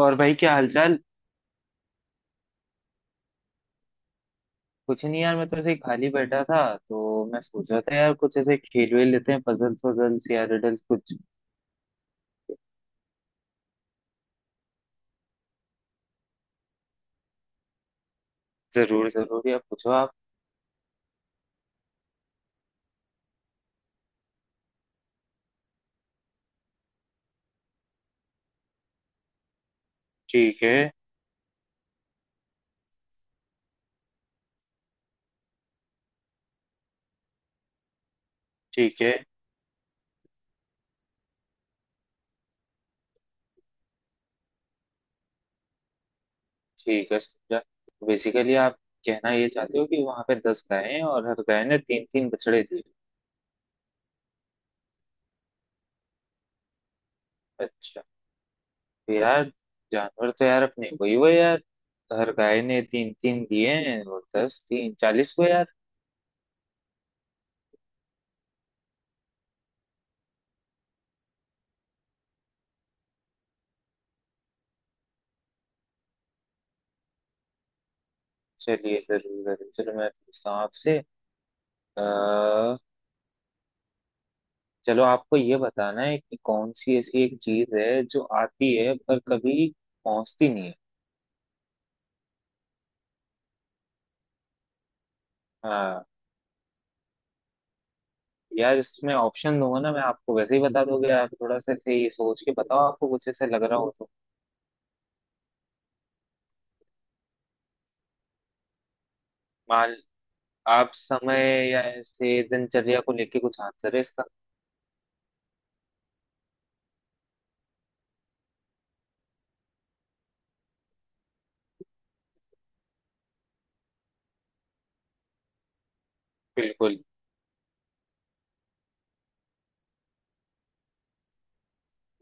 और भाई क्या हालचाल। कुछ नहीं यार, मैं तो ऐसे ही खाली बैठा था। तो मैं सोच रहा था यार कुछ ऐसे खेल वेल लेते हैं, पजल्स वजल्स या रिडल्स कुछ। जरूर जरूर, या पूछो आप। ठीक है। ठीक है। ठीक है। समझा। बेसिकली आप कहना ये चाहते हो कि वहां पे 10 गायें हैं और हर गाय ने तीन तीन बछड़े दिए। अच्छा। तो यार जानवर तो यार अपने वही हुए यार। हर गाय ने तीन तीन दिए हैं और 10 तीन 40 हुए यार। चलिए जरूर जरूर, चलो मैं पूछता हूँ आपसे। अ, चलो आपको ये बताना है कि कौन सी ऐसी एक चीज है जो आती है पर कभी पहुंचती नहीं है। हाँ। यार इसमें ऑप्शन दूंगा ना मैं, आपको वैसे ही बता दोगे आप, थोड़ा सा ऐसे ही सोच के बताओ, आपको कुछ ऐसे लग रहा हो तो। मान आप समय या ऐसे दिनचर्या को लेके कुछ आंसर है इसका। बिल्कुल।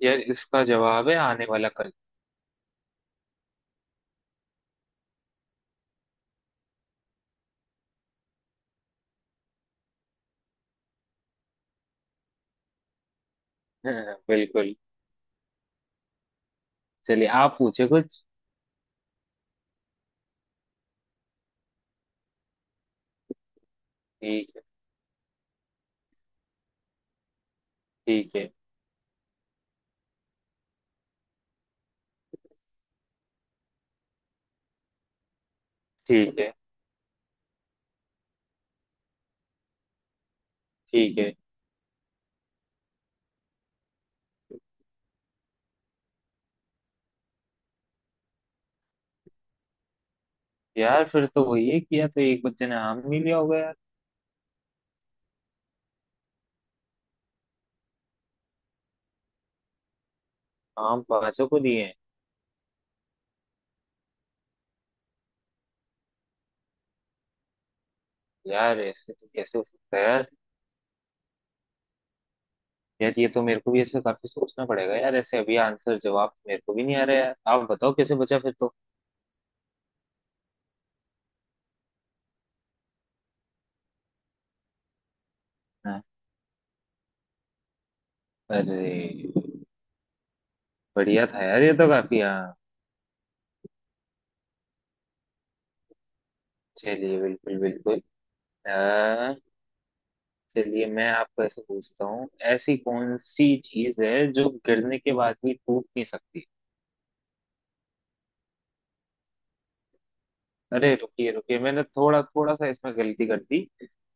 यार इसका जवाब है आने वाला कल। हाँ, बिल्कुल। चलिए आप पूछे कुछ। ठीक है। ठीक है। ठीक है। ठीक है। यार फिर तो वही है कि या तो एक बच्चे ने आम नहीं लिया होगा यार। आम पांचों को दिए हैं। यार ऐसे तो कैसे हो सकता है यार। यार ये तो मेरे को भी ऐसे काफी सोचना पड़ेगा यार, ऐसे अभी आंसर जवाब तो मेरे को भी नहीं आ रहा यार, आप बताओ कैसे बचा फिर तो। हाँ। अरे। बढ़िया था यार, ये तो काफी, हाँ। चलिए बिल्कुल बिल्कुल। अ, चलिए मैं आपको ऐसे पूछता हूँ, ऐसी कौन सी चीज है जो गिरने के बाद भी टूट नहीं सकती। अरे रुकिए रुकिए, मैंने थोड़ा थोड़ा सा इसमें गलती कर दी।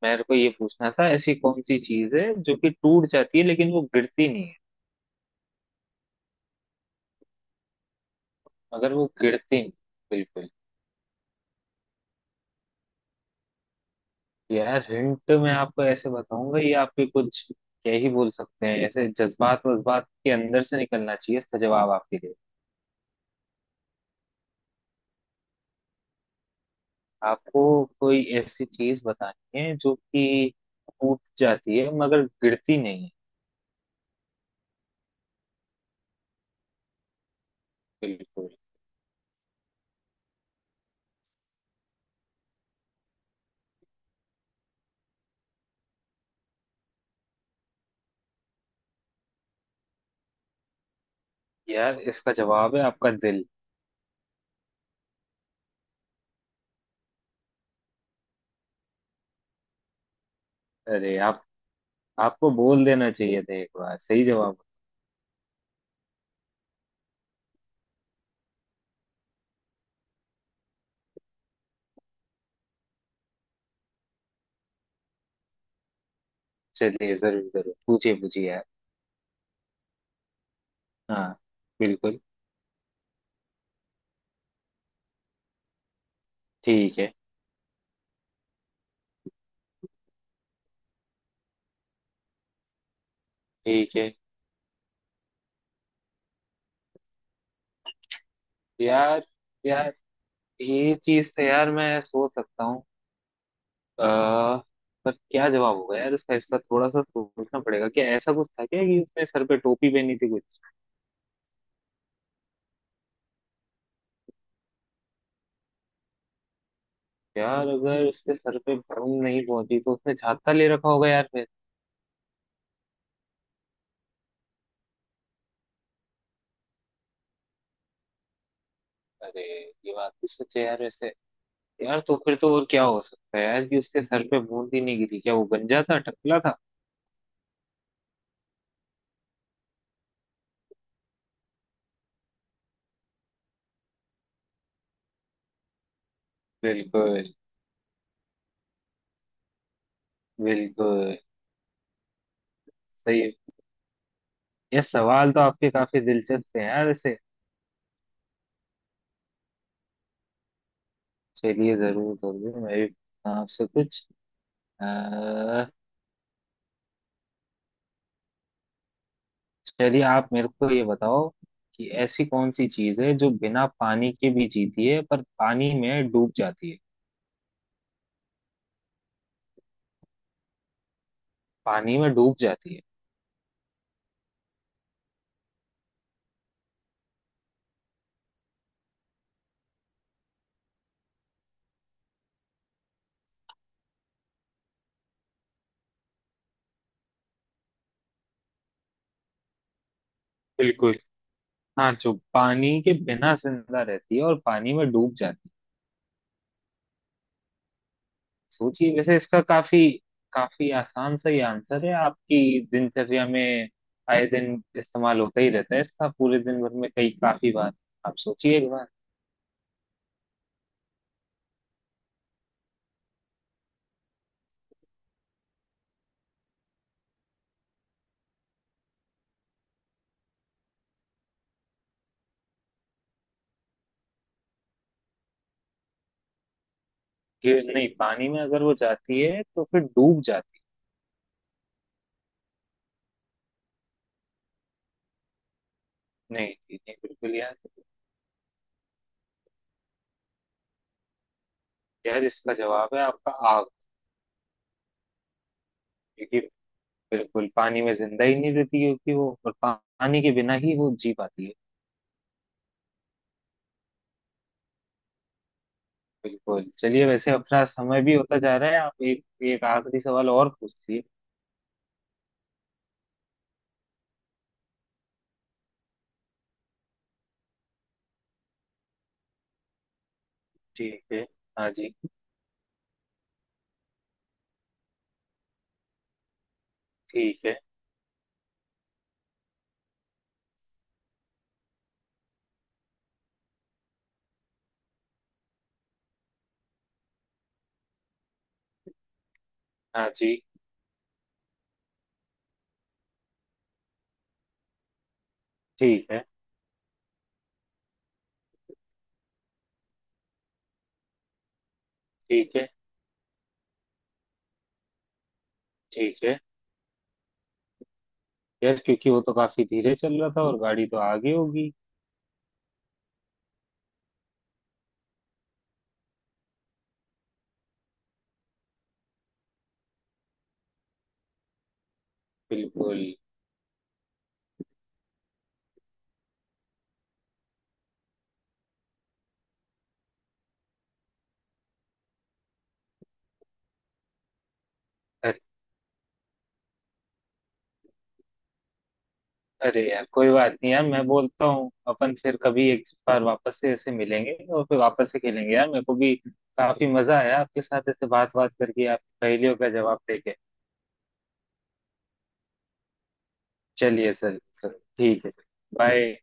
मेरे को ये पूछना था, ऐसी कौन सी चीज है जो कि टूट जाती है लेकिन वो गिरती नहीं है। मगर वो गिरती नहीं। बिल्कुल। यार हिंट मैं आपको ऐसे बताऊंगा, ये आपके कुछ क्या ही बोल सकते हैं, ऐसे जज्बात वज्बात के अंदर से निकलना चाहिए इसका जवाब आपके लिए। आपको कोई ऐसी चीज बतानी है जो कि टूट जाती है मगर गिरती नहीं है। बिल्कुल। यार इसका जवाब है आपका दिल। अरे, आप आपको बोल देना चाहिए था एक बार सही जवाब। चलिए जरूर जरूर, पूछिए पूछिए यार। हाँ बिल्कुल। ठीक है। ठीक है। यार यार, ये चीज तो यार मैं सोच सकता हूँ। अह, पर क्या जवाब होगा यार इसका इसका थोड़ा सा सोचना पड़ेगा, क्या ऐसा कुछ था क्या कि उसने सर पे टोपी पहनी थी कुछ। यार अगर उसके सर पे भूम नहीं पहुंची तो उसने छाता ले रखा होगा यार फिर। अरे। ये बात भी सच है यार वैसे। यार तो फिर तो और क्या हो सकता है यार कि उसके सर पे बूंद ही नहीं गिरी, क्या वो गंजा था, टकला था। बिल्कुल। बिल्कुल। सही है। ये सवाल तो आपके काफी दिलचस्प है यार वैसे। चलिए जरूर जरूर, मैं भी पूछता हूँ आपसे कुछ। अ, चलिए आप मेरे को ये बताओ कि ऐसी कौन सी चीज है जो बिना पानी के भी जीती है पर पानी में डूब जाती है। पानी में डूब जाती है। बिल्कुल। हाँ, जो पानी के बिना जिंदा रहती है और पानी में डूब जाती है। सोचिए वैसे, इसका काफी काफी आसान सा ही आंसर है, आपकी दिनचर्या में आए दिन इस्तेमाल होता ही रहता है इसका, पूरे दिन भर में कई काफी बार। आप सोचिए एक बार। कि नहीं, पानी में अगर वो जाती है तो फिर डूब जाती है। नहीं जी, नहीं बिल्कुल यार। यार इसका जवाब है आपका आग। क्योंकि बिल्कुल पानी में जिंदा ही नहीं रहती, क्योंकि वो और पानी के बिना ही वो जी पाती है। बिल्कुल। चलिए वैसे, अपना समय भी होता जा रहा है, आप एक। एक आखिरी सवाल और पूछिए। ठीक है। हाँ जी। ठीक है। हाँ जी। ठीक है। ठीक है। ठीक है। यार क्योंकि वो तो काफी धीरे चल रहा था और गाड़ी तो आगे होगी। बिल्कुल। अरे यार कोई बात नहीं यार, मैं बोलता हूँ अपन फिर कभी एक बार वापस से ऐसे मिलेंगे और फिर वापस से खेलेंगे यार, मेरे को भी काफी मजा आया आपके साथ ऐसे बात बात करके, आप पहेलियों का जवाब देके। चलिए सर, सर, ठीक है सर। बाय।